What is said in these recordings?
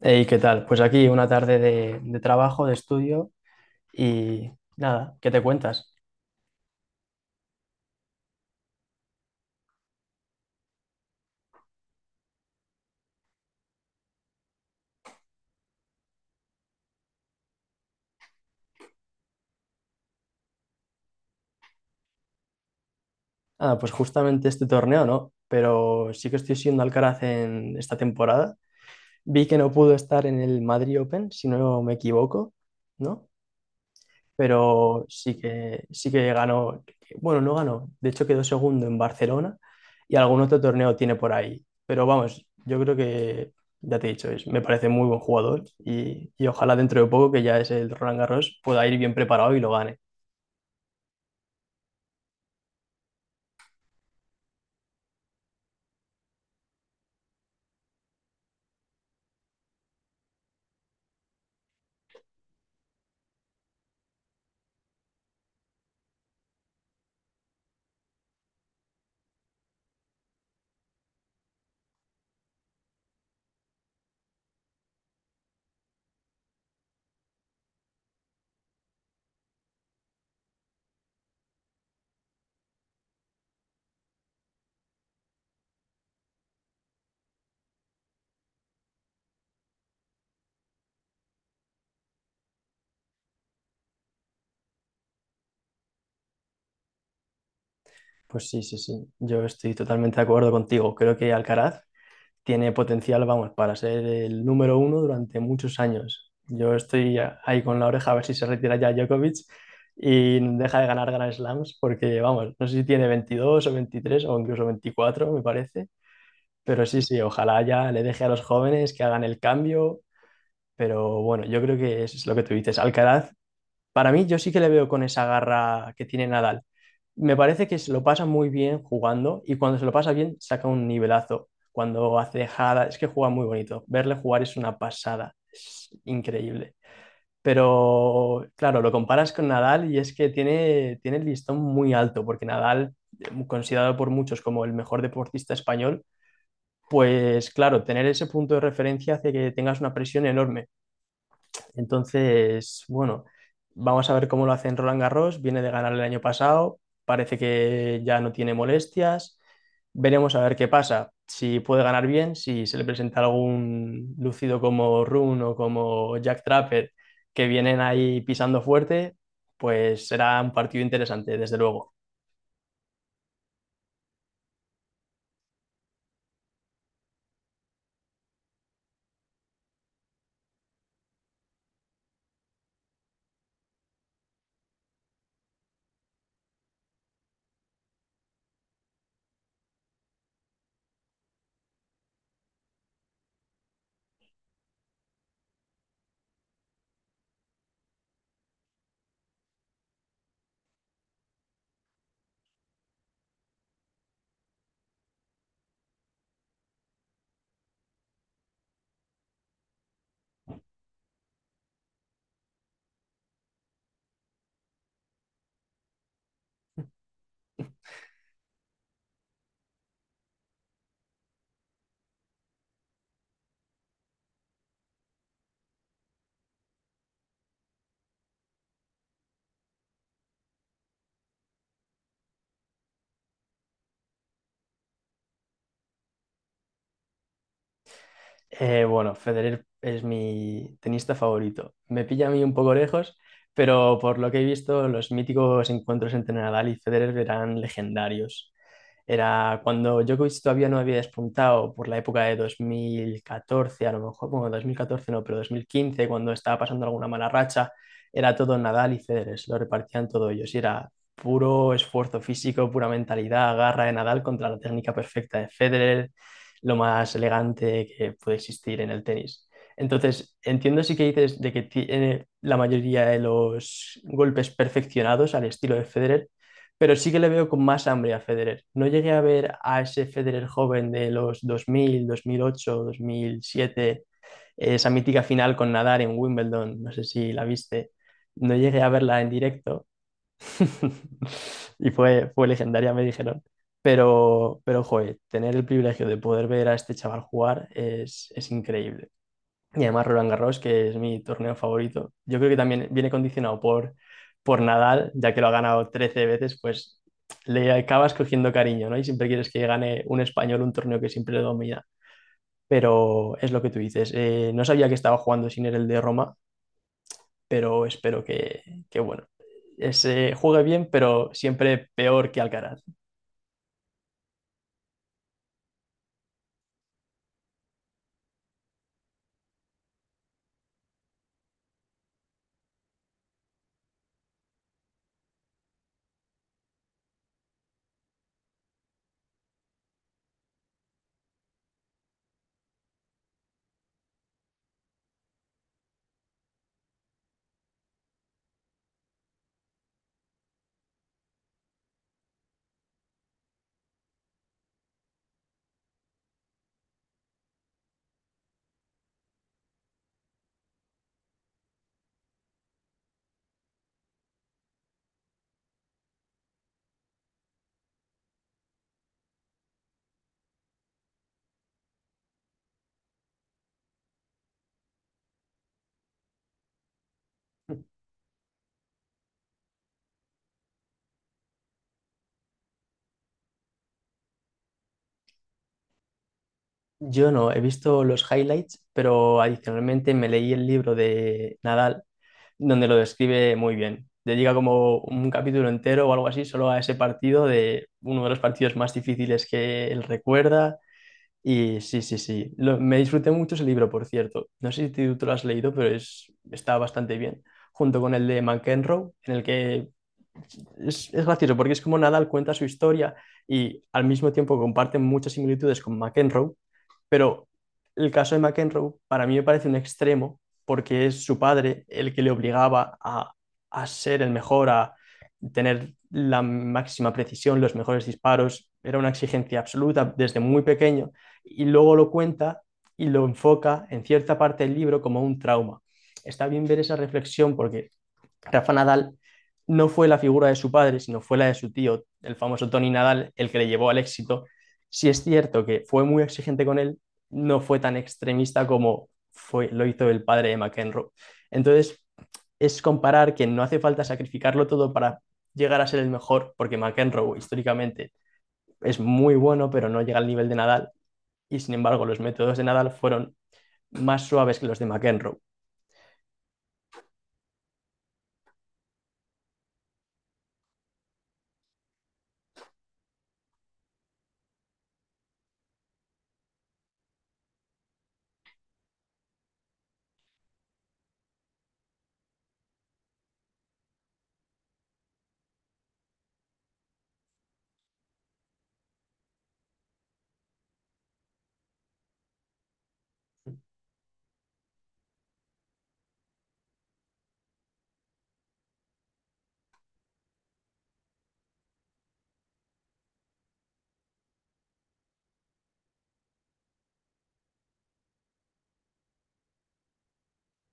Hey, ¿qué tal? Pues aquí una tarde de trabajo, de estudio y nada, ¿qué te cuentas? Nada, pues justamente este torneo no, pero sí que estoy siendo Alcaraz en esta temporada. Vi que no pudo estar en el Madrid Open, si no me equivoco, ¿no? Pero sí que ganó, bueno, no ganó, de hecho quedó segundo en Barcelona y algún otro torneo tiene por ahí. Pero vamos, yo creo que, ya te he dicho, me parece muy buen jugador y ojalá dentro de poco, que ya es el Roland Garros, pueda ir bien preparado y lo gane. Pues sí, sí, sí, yo estoy totalmente de acuerdo contigo. Creo que Alcaraz tiene potencial, vamos, para ser el número uno durante muchos años. Yo estoy ahí con la oreja a ver si se retira ya Djokovic y deja de ganar Grand Slams, porque, vamos, no sé si tiene 22 o 23 o incluso 24, me parece. Pero sí, sí, ojalá ya le deje a los jóvenes que hagan el cambio. Pero bueno, yo creo que es lo que tú dices. Alcaraz, para mí, yo sí que le veo con esa garra que tiene Nadal. Me parece que se lo pasa muy bien jugando y cuando se lo pasa bien saca un nivelazo. Cuando hace jada, es que juega muy bonito. Verle jugar es una pasada, es increíble. Pero claro, lo comparas con Nadal y es que tiene el listón muy alto, porque Nadal, considerado por muchos como el mejor deportista español, pues claro, tener ese punto de referencia hace que tengas una presión enorme. Entonces, bueno, vamos a ver cómo lo hace en Roland Garros. Viene de ganar el año pasado, parece que ya no tiene molestias. Veremos a ver qué pasa. Si puede ganar bien, si se le presenta algún lucido como Rune o como Jack Trapper que vienen ahí pisando fuerte, pues será un partido interesante, desde luego. Bueno, Federer es mi tenista favorito. Me pilla a mí un poco lejos, pero por lo que he visto, los míticos encuentros entre Nadal y Federer eran legendarios. Era cuando Djokovic todavía no había despuntado por la época de 2014, a lo mejor, bueno, 2014 no, pero 2015, cuando estaba pasando alguna mala racha, era todo Nadal y Federer, se lo repartían todo ellos. Y era puro esfuerzo físico, pura mentalidad, garra de Nadal contra la técnica perfecta de Federer, lo más elegante que puede existir en el tenis. Entonces, entiendo sí que dices de que tiene la mayoría de los golpes perfeccionados al estilo de Federer, pero sí que le veo con más hambre a Federer. No llegué a ver a ese Federer joven de los 2000, 2008, 2007, esa mítica final con Nadal en Wimbledon, no sé si la viste, no llegué a verla en directo. Y fue legendaria, me dijeron. Joder, tener el privilegio de poder ver a este chaval jugar es increíble. Y además Roland Garros, que es mi torneo favorito, yo creo que también viene condicionado por Nadal, ya que lo ha ganado 13 veces, pues le acabas cogiendo cariño, ¿no? Y siempre quieres que gane un español un torneo que siempre lo domina. Pero es lo que tú dices. No sabía que estaba jugando sin él el de Roma, pero espero que bueno, se juegue bien, pero siempre peor que Alcaraz. Yo no, he visto los highlights, pero adicionalmente me leí el libro de Nadal, donde lo describe muy bien. Dedica como un capítulo entero o algo así solo a ese partido, de uno de los partidos más difíciles que él recuerda. Y sí, sí, sí. Me disfruté mucho ese libro, por cierto. No sé si tú lo has leído, pero está bastante bien. Junto con el de McEnroe, en el que es gracioso porque es como Nadal cuenta su historia y al mismo tiempo comparten muchas similitudes con McEnroe, pero el caso de McEnroe para mí me parece un extremo porque es su padre el que le obligaba a ser el mejor, a tener la máxima precisión, los mejores disparos. Era una exigencia absoluta desde muy pequeño y luego lo cuenta y lo enfoca en cierta parte del libro como un trauma. Está bien ver esa reflexión porque Rafa Nadal no fue la figura de su padre, sino fue la de su tío, el famoso Tony Nadal, el que le llevó al éxito. Sí es cierto que fue muy exigente con él, no fue tan extremista como fue, lo hizo el padre de McEnroe. Entonces, es comparar que no hace falta sacrificarlo todo para llegar a ser el mejor, porque McEnroe históricamente es muy bueno, pero no llega al nivel de Nadal, y sin embargo los métodos de Nadal fueron más suaves que los de McEnroe.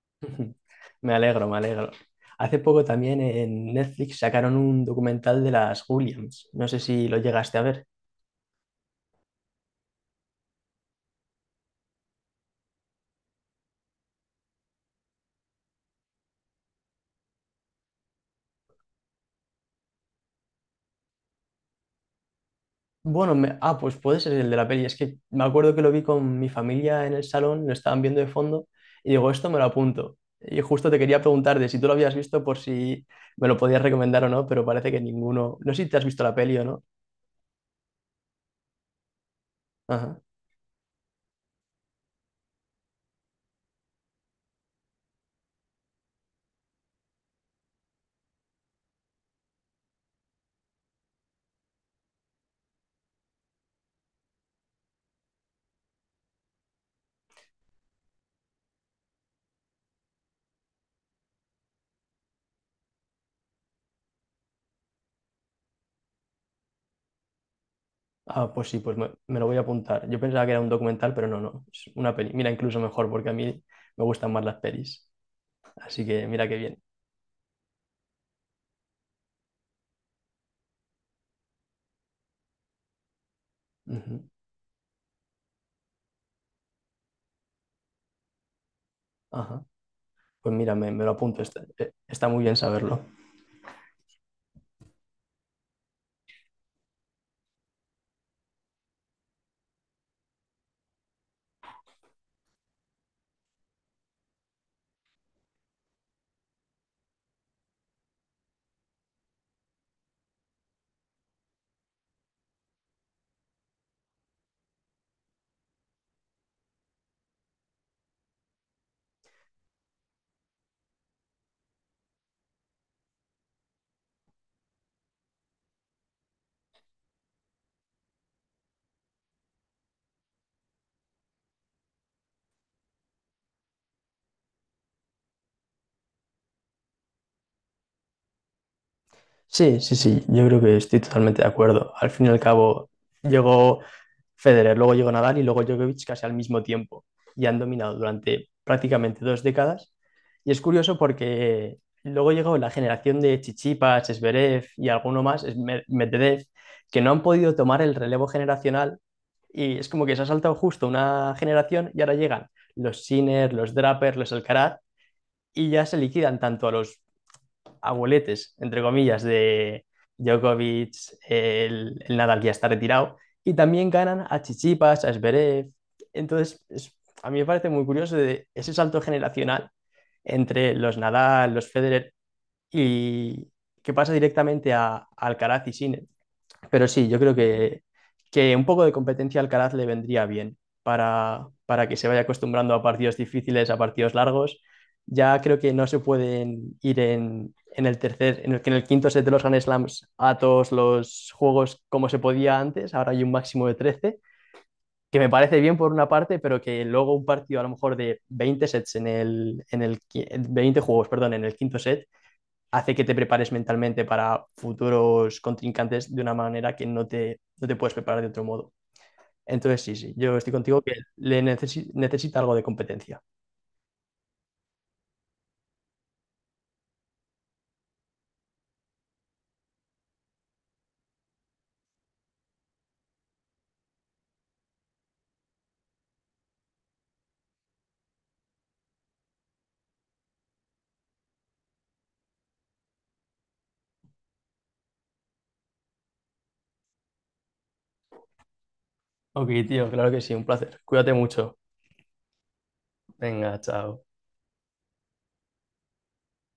Ujú. Me alegro, me alegro. Hace poco también en Netflix sacaron un documental de las Williams. No sé si lo llegaste a ver. Bueno, ah, pues puede ser el de la peli. Es que me acuerdo que lo vi con mi familia en el salón, lo estaban viendo de fondo y digo, esto me lo apunto. Y justo te quería preguntar de si tú lo habías visto por si me lo podías recomendar o no, pero parece que ninguno. No sé si te has visto la peli o no. Ajá. Ah, pues sí, pues me lo voy a apuntar. Yo pensaba que era un documental, pero no, no, es una peli. Mira, incluso mejor porque a mí me gustan más las pelis. Así que mira qué bien. Ujú. Ajá. Pues mira, me lo apunto. Está muy bien saberlo. Sí, sí, sí, yo creo que estoy totalmente de acuerdo. Al fin y al cabo, llegó Federer, luego llegó Nadal y luego Djokovic casi al mismo tiempo y han dominado durante prácticamente dos décadas. Y es curioso porque luego llegó la generación de Chichipas, Zverev y alguno más, Medvedev, que no han podido tomar el relevo generacional y es como que se ha saltado justo una generación y ahora llegan los Sinner, los Draper, los Alcaraz y ya se liquidan tanto a los abueletes, entre comillas, de Djokovic, el Nadal que ya está retirado, y también ganan a Chichipas, a Zverev. Entonces, a mí me parece muy curioso de ese salto generacional entre los Nadal, los Federer, y que pasa directamente a Alcaraz y Sinner. Pero sí, yo creo que un poco de competencia al Alcaraz le vendría bien para que se vaya acostumbrando a partidos difíciles, a partidos largos. Ya creo que no se pueden ir en el tercer, en el, que en el quinto set de los Grand Slams a todos los juegos como se podía antes. Ahora hay un máximo de 13, que me parece bien por una parte, pero que luego un partido a lo mejor de 20 sets 20 juegos, perdón, en el quinto set hace que te prepares mentalmente para futuros contrincantes de una manera que no te puedes preparar de otro modo. Entonces, sí, sí, yo estoy contigo que le necesita algo de competencia. Ok, tío, claro que sí, un placer. Cuídate mucho. Venga, chao.